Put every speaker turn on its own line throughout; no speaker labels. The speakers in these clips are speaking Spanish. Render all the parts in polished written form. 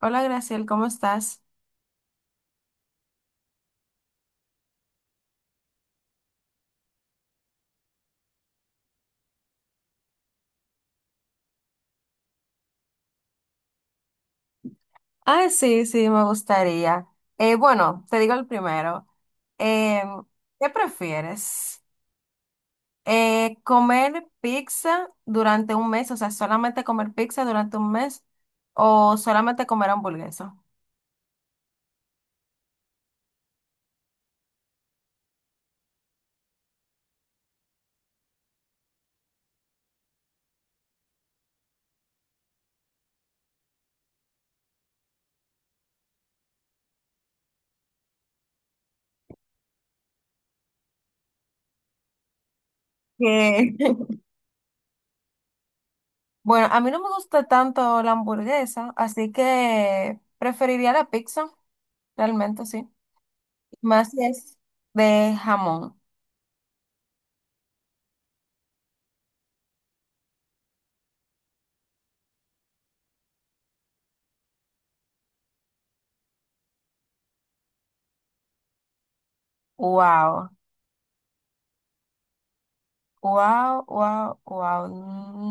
Hola, Graciel, ¿cómo estás? Ah, sí, sí, me gustaría. Bueno, te digo el primero. Eh, ¿Qué prefieres? ¿Comer pizza durante un mes? O sea, solamente comer pizza durante un mes o solamente comer hamburguesa. Que. Bueno, a mí no me gusta tanto la hamburguesa, así que preferiría la pizza, realmente sí. Más si es de jamón. Wow. Wow, wow, wow.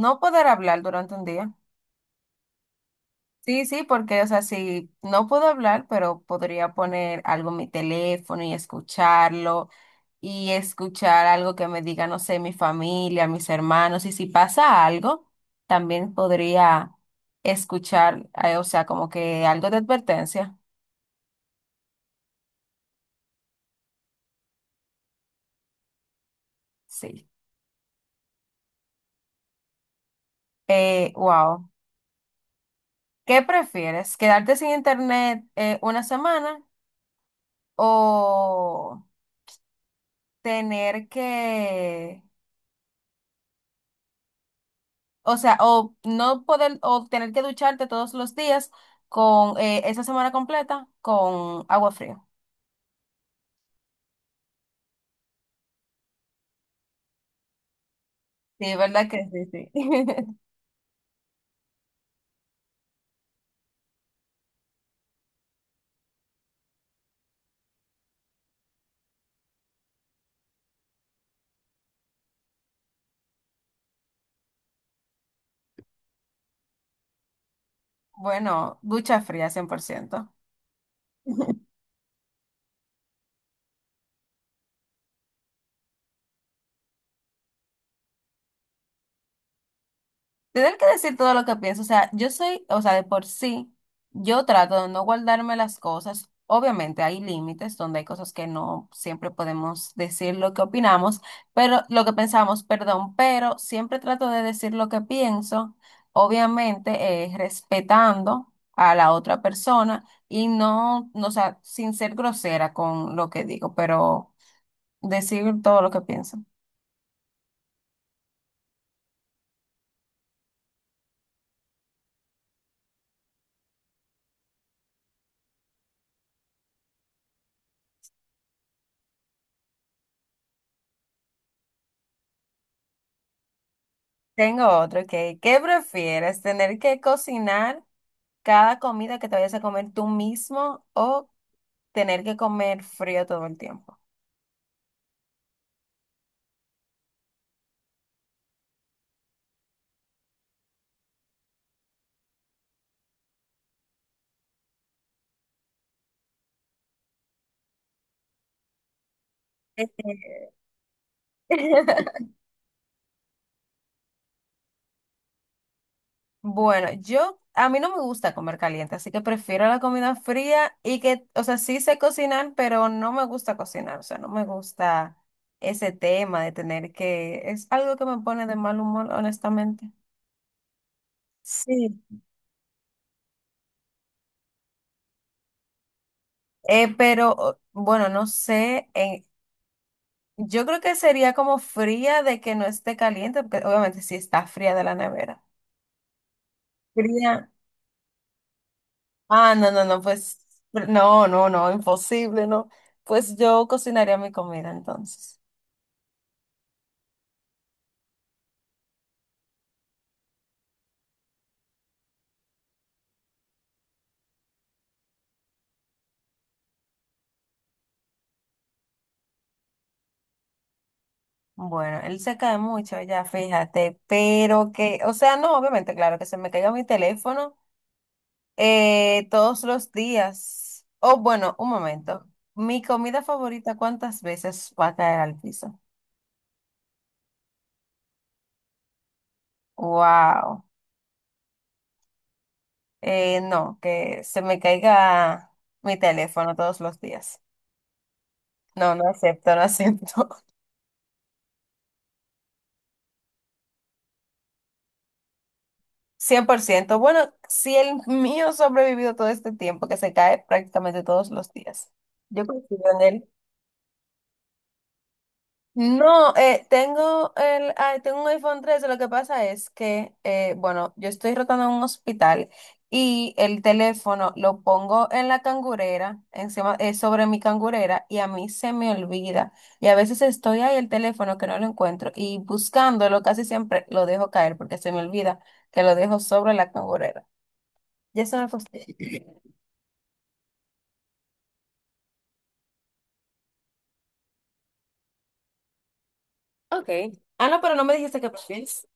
No poder hablar durante un día. Sí, sí, porque, o sea, sí, no puedo hablar, pero podría poner algo en mi teléfono y escucharlo y escuchar algo que me diga, no sé, mi familia, mis hermanos. Y si pasa algo, también podría escuchar, o sea, como que algo de advertencia. Sí. Wow. ¿Qué prefieres? ¿Quedarte sin internet, una semana o tener que, o sea, o no poder, o tener que ducharte todos los días con, esa semana completa con agua fría? Sí, ¿verdad que sí, sí? Bueno, ducha fría, 100%. Tener que decir todo lo que pienso, o sea, yo soy, o sea, de por sí, yo trato de no guardarme las cosas. Obviamente hay límites donde hay cosas que no siempre podemos decir lo que opinamos, pero lo que pensamos, perdón, pero siempre trato de decir lo que pienso, obviamente, respetando a la otra persona y no, no, o sea, sin ser grosera con lo que digo, pero decir todo lo que pienso. Tengo otro que, ¿qué prefieres? ¿Tener que cocinar cada comida que te vayas a comer tú mismo o tener que comer frío todo el tiempo? Este. Bueno, yo, a mí no me gusta comer caliente, así que prefiero la comida fría y que, o sea, sí sé cocinar, pero no me gusta cocinar, o sea, no me gusta ese tema de tener que, es algo que me pone de mal humor, honestamente. Sí. Pero bueno, no sé, yo creo que sería como fría de que no esté caliente, porque obviamente sí está fría de la nevera. Fría. Ah, no, no, no, pues no, no, no, imposible, no. Pues yo cocinaría mi comida entonces. Bueno, él se cae mucho ya, fíjate, pero que, o sea, no, obviamente, claro, que se me caiga mi teléfono, todos los días. O bueno, un momento. Mi comida favorita, ¿cuántas veces va a caer al piso? Wow. No, que se me caiga mi teléfono todos los días. No, no acepto, no acepto. Cien por ciento. Bueno, si el mío ha sobrevivido todo este tiempo, que se cae prácticamente todos los días. Yo confío en él. No, tengo un iPhone 13, lo que pasa es que, bueno, yo estoy rotando en un hospital y el teléfono lo pongo en la cangurera, encima, sobre mi cangurera, y a mí se me olvida. Y a veces estoy ahí, el teléfono que no lo encuentro, y buscándolo casi siempre lo dejo caer porque se me olvida que lo dejo sobre la cangurera. Ya se me fastidia. Ok. Ah, no, pero no me dijiste que prefieres.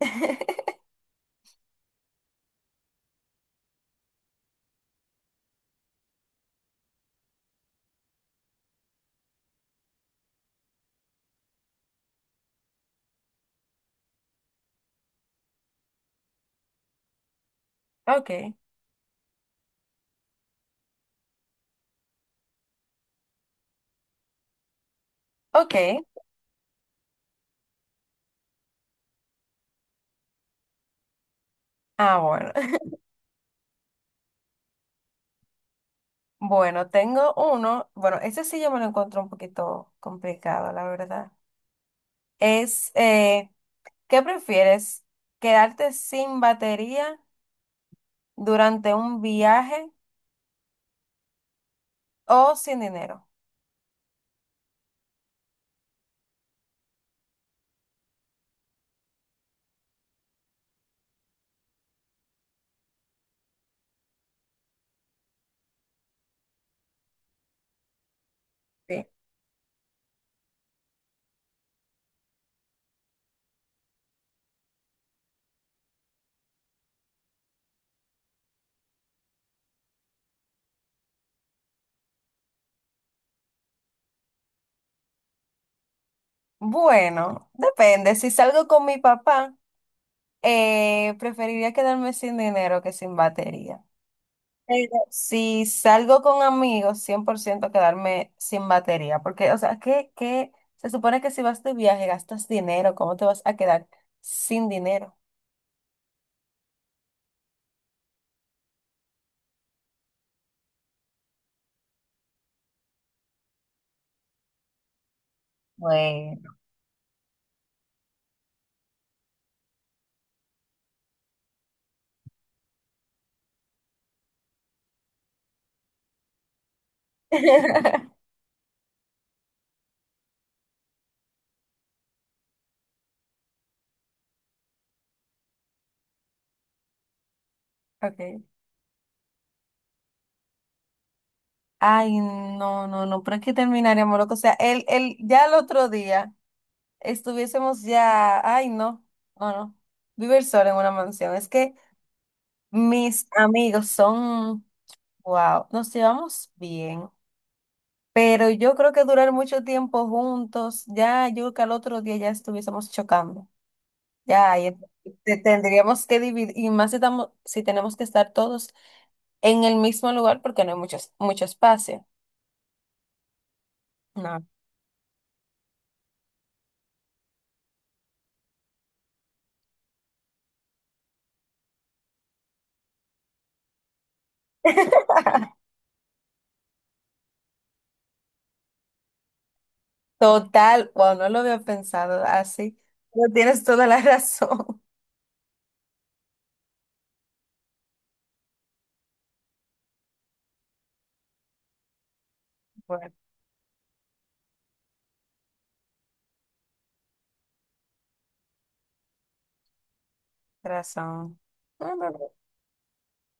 Ok, ok. Ah, bueno. Bueno, tengo uno, bueno, ese sí yo me lo encuentro un poquito complicado, la verdad. Es, eh, ¿Qué prefieres? ¿Quedarte sin batería durante un viaje o sin dinero? Sí. Bueno, depende. Si salgo con mi papá, preferiría quedarme sin dinero que sin batería. Pero si salgo con amigos, 100% quedarme sin batería, porque, o sea, ¿qué, qué? Se supone que si vas de viaje gastas dinero, ¿cómo te vas a quedar sin dinero? Bueno. Okay. Ay, no, no, no, pero es que terminaríamos loco. O sea, ya el otro día estuviésemos ya, ay, no, no, no, vivir solo en una mansión. Es que mis amigos son, wow, nos llevamos bien. Pero yo creo que durar mucho tiempo juntos, ya yo creo que al otro día ya estuviésemos chocando. Ya, ahí tendríamos que dividir, y más si estamos, si tenemos que estar todos en el mismo lugar porque no hay mucho, mucho espacio. No. Total, wow, no lo había pensado así. Pero tienes toda la razón. Bueno, razón. No, no, no,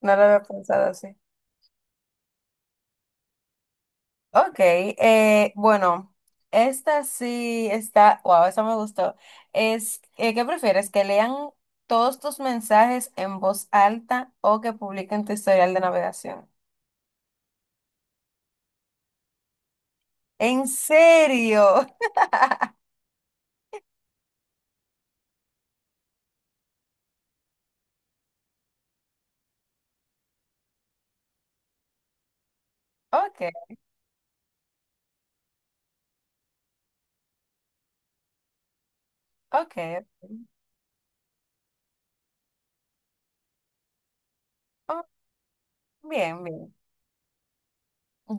no lo había pensado así. Ok, bueno, esta sí está, wow, esa me gustó. ¿Qué prefieres? ¿Que lean todos tus mensajes en voz alta o que publiquen tu historial de navegación? ¿En serio? Ok, ok. Oh, bien, bien.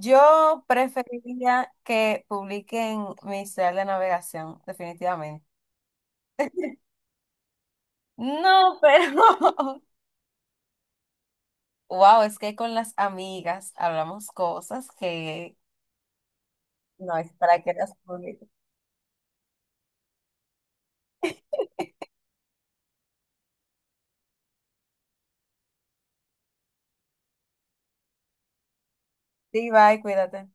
Yo preferiría que publiquen mi historial de navegación, definitivamente. No, pero... Wow, es que con las amigas hablamos cosas que... No, es para que las publique. Sí, bye, cuídate.